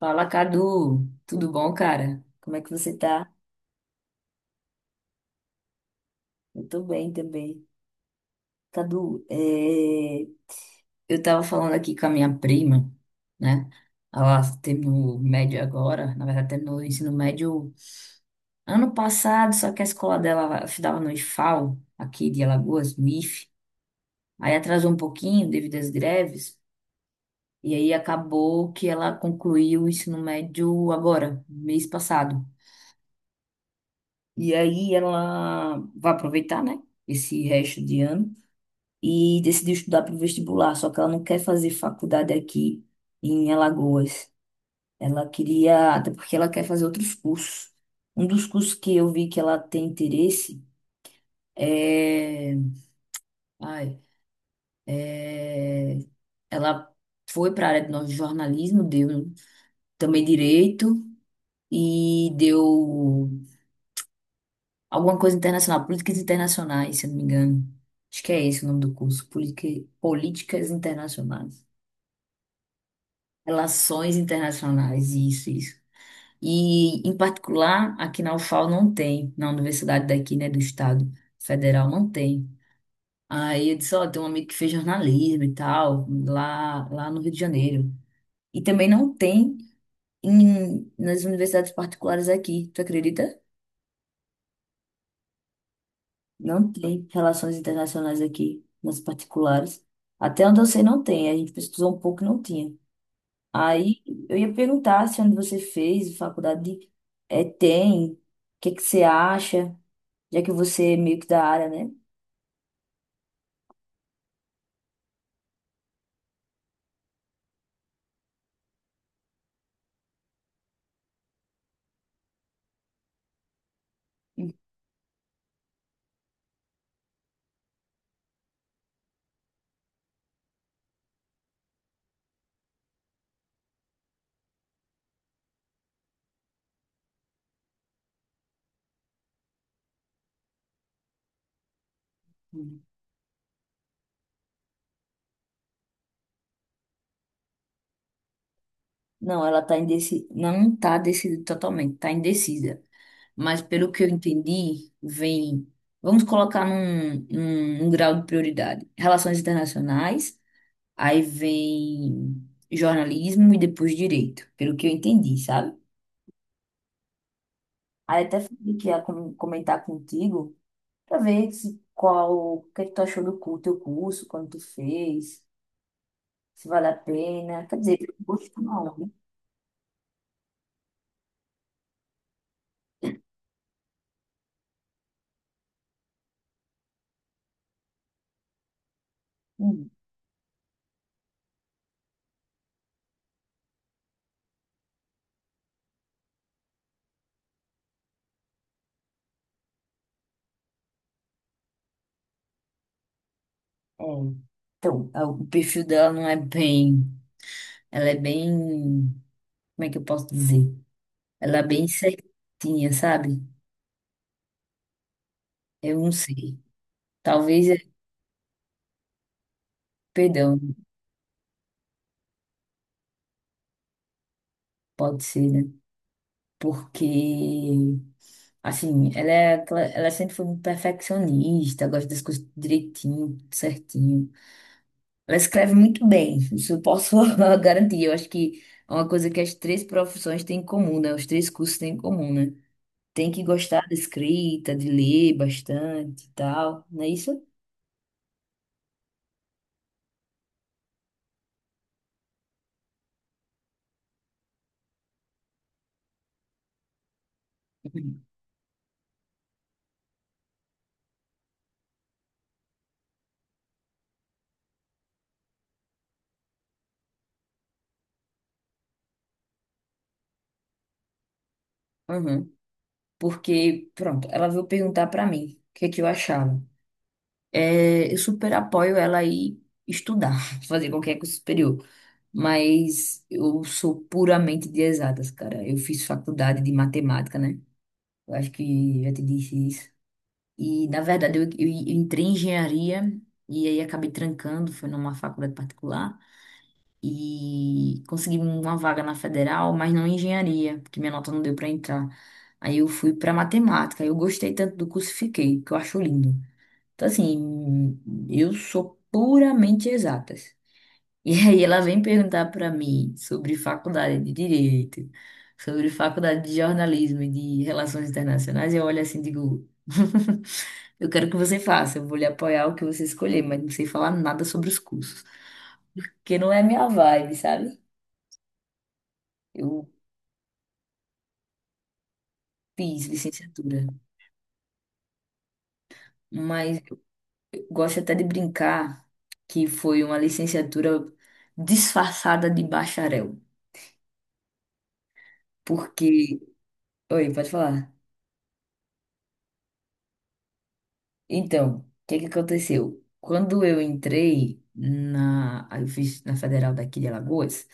Fala, Cadu. Tudo bom, cara? Como é que você tá? Eu tô bem também. Cadu, eu tava falando aqui com a minha prima, né? Ela terminou o médio agora, na verdade, terminou o ensino médio ano passado, só que a escola dela estudava no IFAL, aqui de Alagoas, no IF. Aí atrasou um pouquinho devido às greves, e aí acabou que ela concluiu o ensino médio agora, mês passado. E aí ela vai aproveitar, né? Esse resto de ano e decidiu estudar para o vestibular, só que ela não quer fazer faculdade aqui em Alagoas. Ela queria, até porque ela quer fazer outros cursos. Um dos cursos que eu vi que ela tem interesse é, ai, é, ela foi para a área de jornalismo, deu também direito e deu alguma coisa internacional, políticas internacionais, se eu não me engano. Acho que é esse o nome do curso, políticas internacionais. Relações internacionais, isso, isso. E, em particular, aqui na UFAL não tem, na universidade daqui, né, do Estado Federal, não tem. Aí eu disse, ó, tem um amigo que fez jornalismo e tal, lá no Rio de Janeiro. E também não tem nas universidades particulares aqui, tu acredita? Não tem relações internacionais aqui, nas particulares. Até onde eu sei, não tem. A gente pesquisou um pouco e não tinha. Aí eu ia perguntar se onde você fez é, tem, o que que você acha, já que você é meio que da área, né? Hum. Não, ela tá indecisa. Não tá decidida totalmente, tá indecisa. Mas pelo que eu entendi, vem. Vamos colocar num grau de prioridade. Relações internacionais. Aí vem jornalismo e depois direito, pelo que eu entendi, sabe? Aí até falei que ia comentar contigo pra ver se, qual, o que é que tu achou do teu curso, quando tu fez, se vale a pena. Quer dizer, eu gosto não, né? Hum, é. Então, o perfil dela não é bem. Ela é bem. Como é que eu posso dizer? Ela é bem certinha, sabe? Eu não sei. Talvez, perdão, pode ser, né? Porque assim, ela sempre foi muito perfeccionista, gosta das coisas direitinho, tudo certinho. Ela escreve muito bem, isso eu posso garantir. Eu acho que é uma coisa que as três profissões têm em comum, né? Os três cursos têm em comum, né? Tem que gostar da escrita, de ler bastante e tal, não é isso? Uhum. Uhum. Porque, pronto, ela veio perguntar pra mim o que é que eu achava. É, eu super apoio ela a ir estudar, fazer qualquer curso superior. Mas eu sou puramente de exatas, cara. Eu fiz faculdade de matemática, né? Eu acho que já te disse isso. E, na verdade, eu entrei em engenharia e aí acabei trancando, foi numa faculdade particular. E consegui uma vaga na federal, mas não em engenharia, porque minha nota não deu para entrar. Aí eu fui para matemática. Eu gostei tanto do curso, e fiquei, que eu acho lindo. Então, assim, eu sou puramente exatas. E aí ela vem perguntar para mim sobre faculdade de direito, sobre faculdade de jornalismo e de relações internacionais, e eu olho assim e digo, eu quero que você faça, eu vou lhe apoiar o que você escolher, mas não sei falar nada sobre os cursos, porque não é minha vibe, sabe? Eu fiz licenciatura, mas eu gosto até de brincar que foi uma licenciatura disfarçada de bacharel, porque... Oi, pode falar. Então, o que que aconteceu? Quando eu entrei eu fiz na Federal daqui de Alagoas,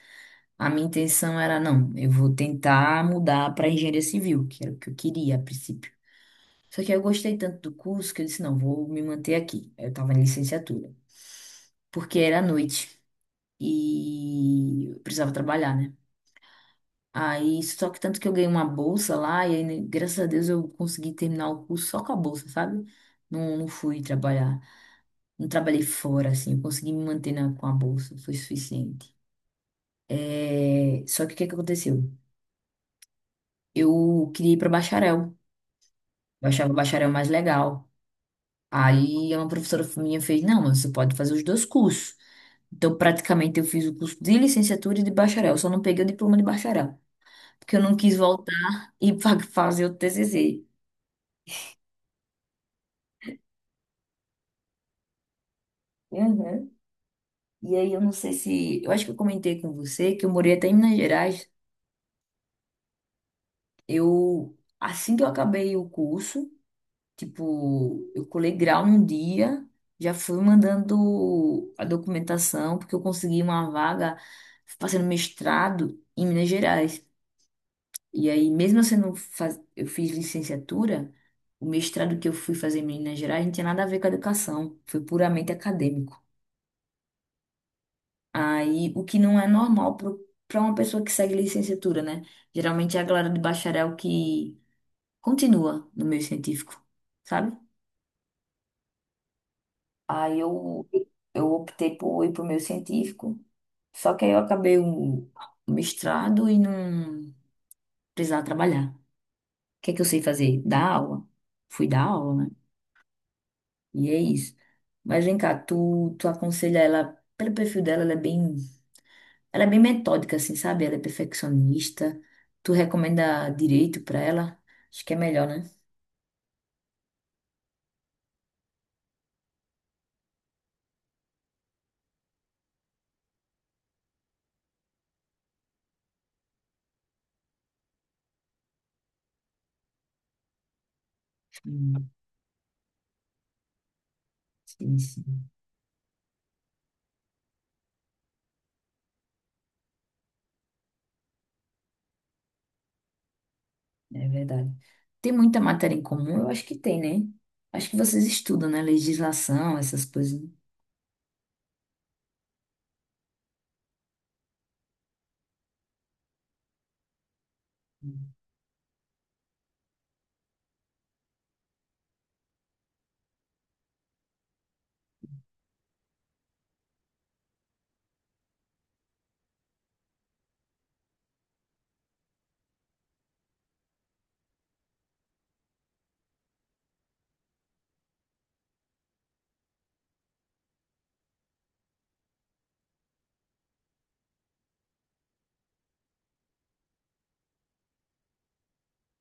a minha intenção era, não, eu vou tentar mudar para engenharia civil, que era o que eu queria a princípio. Só que eu gostei tanto do curso que eu disse, não, vou me manter aqui. Eu estava em licenciatura, porque era à noite e eu precisava trabalhar, né? Aí, só que tanto que eu ganhei uma bolsa lá e aí, né, graças a Deus eu consegui terminar o curso só com a bolsa, sabe? Não fui trabalhar. Não trabalhei fora, assim, eu consegui me manter com a bolsa, foi suficiente. Só que o que que aconteceu? Eu queria ir para bacharel, eu achava o bacharel mais legal. Aí uma professora minha fez, não, mas você pode fazer os dois cursos. Então, praticamente, eu fiz o curso de licenciatura e de bacharel, só não peguei o diploma de bacharel, porque eu não quis voltar e fazer o TCC. Uhum. E aí, eu não sei se. Eu acho que eu comentei com você que eu morei até em Minas Gerais. Assim que eu acabei o curso, tipo, eu colei grau num dia, já fui mandando a documentação, porque eu consegui uma vaga fazendo mestrado em Minas Gerais. E aí, mesmo eu sendo, faz... eu fiz licenciatura, o mestrado que eu fui fazer em Minas Gerais não tinha nada a ver com a educação, foi puramente acadêmico. Aí, o que não é normal para uma pessoa que segue licenciatura, né? Geralmente é a galera de bacharel que continua no meio científico, sabe? Aí eu, eu optei por ir para o meio científico. Só que aí eu acabei o mestrado e não precisava trabalhar. O que é que eu sei fazer? Dar aula. Fui dar aula, né? E é isso. Mas vem cá, tu aconselha ela, pelo perfil dela, ela é bem metódica, assim, sabe? Ela é perfeccionista. Tu recomenda direito para ela? Acho que é melhor, né? Hum, sim, sim. É verdade. Tem muita matéria em comum? Eu acho que tem, né? Acho que vocês estudam, né? Legislação, essas coisas.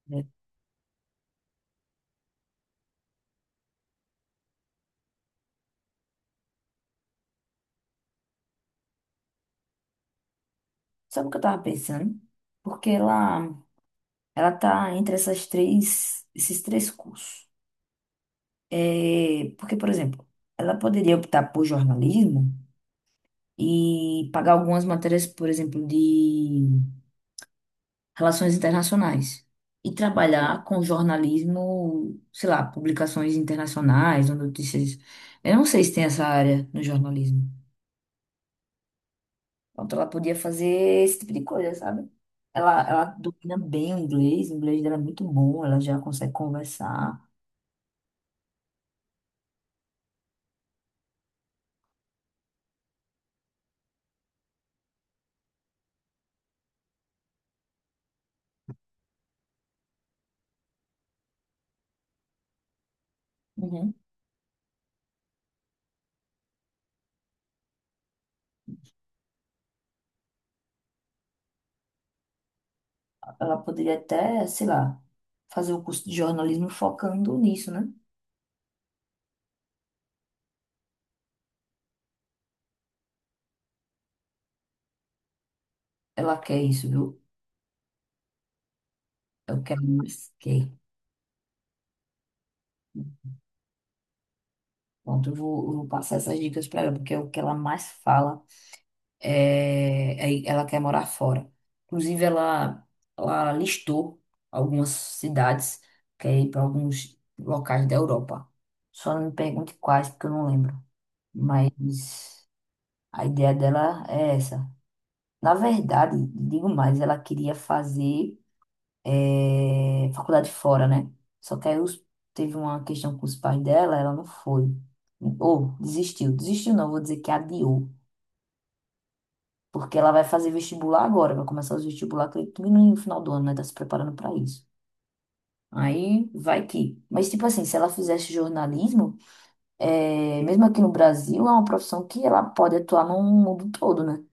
Né? Sabe o que eu tava pensando? Porque ela tá entre esses três cursos. É, porque, por exemplo, ela poderia optar por jornalismo e pagar algumas matérias, por exemplo, de relações internacionais. E trabalhar com jornalismo, sei lá, publicações internacionais ou notícias. Eu não sei se tem essa área no jornalismo. Pronto, ela podia fazer esse tipo de coisa, sabe? Ela domina bem o inglês dela é muito bom, ela já consegue conversar. Uhum. Ela poderia até, sei lá, fazer o curso de jornalismo focando nisso, né? Ela quer isso, viu? Eu quero mais, quer. Pronto, eu vou passar essas dicas para ela, porque é o que ela mais fala. É, aí ela quer morar fora. Inclusive, ela listou algumas cidades, quer ir para alguns locais da Europa. Só não me pergunte quais, porque eu não lembro. Mas a ideia dela é essa. Na verdade, digo mais, ela queria fazer faculdade fora, né? Só que aí teve uma questão com os pais dela, ela não foi. Ou desistiu. Desistiu não, vou dizer que adiou. Porque ela vai fazer vestibular agora, vai começar os vestibular, acredito que no final do ano, né? Tá se preparando para isso. Aí vai que. Mas, tipo assim, se ela fizesse jornalismo, é, mesmo aqui no Brasil, é uma profissão que ela pode atuar no mundo todo, né?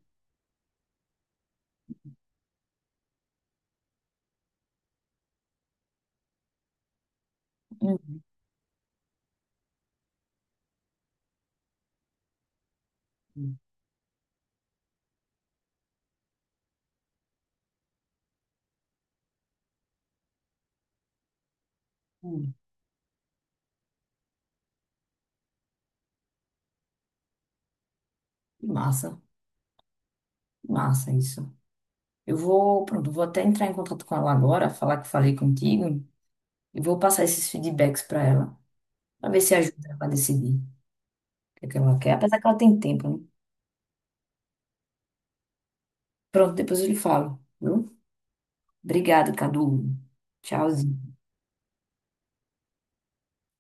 Uhum, uhum, uhum. Que massa, que massa isso. Pronto, eu vou até entrar em contato com ela agora, falar que falei contigo, e vou passar esses feedbacks para ela, para ver se ajuda ela a decidir o que é que ela quer, apesar que ela tem tempo, né? Pronto, depois eu lhe falo, viu? Obrigado, Cadu. Tchauzinho.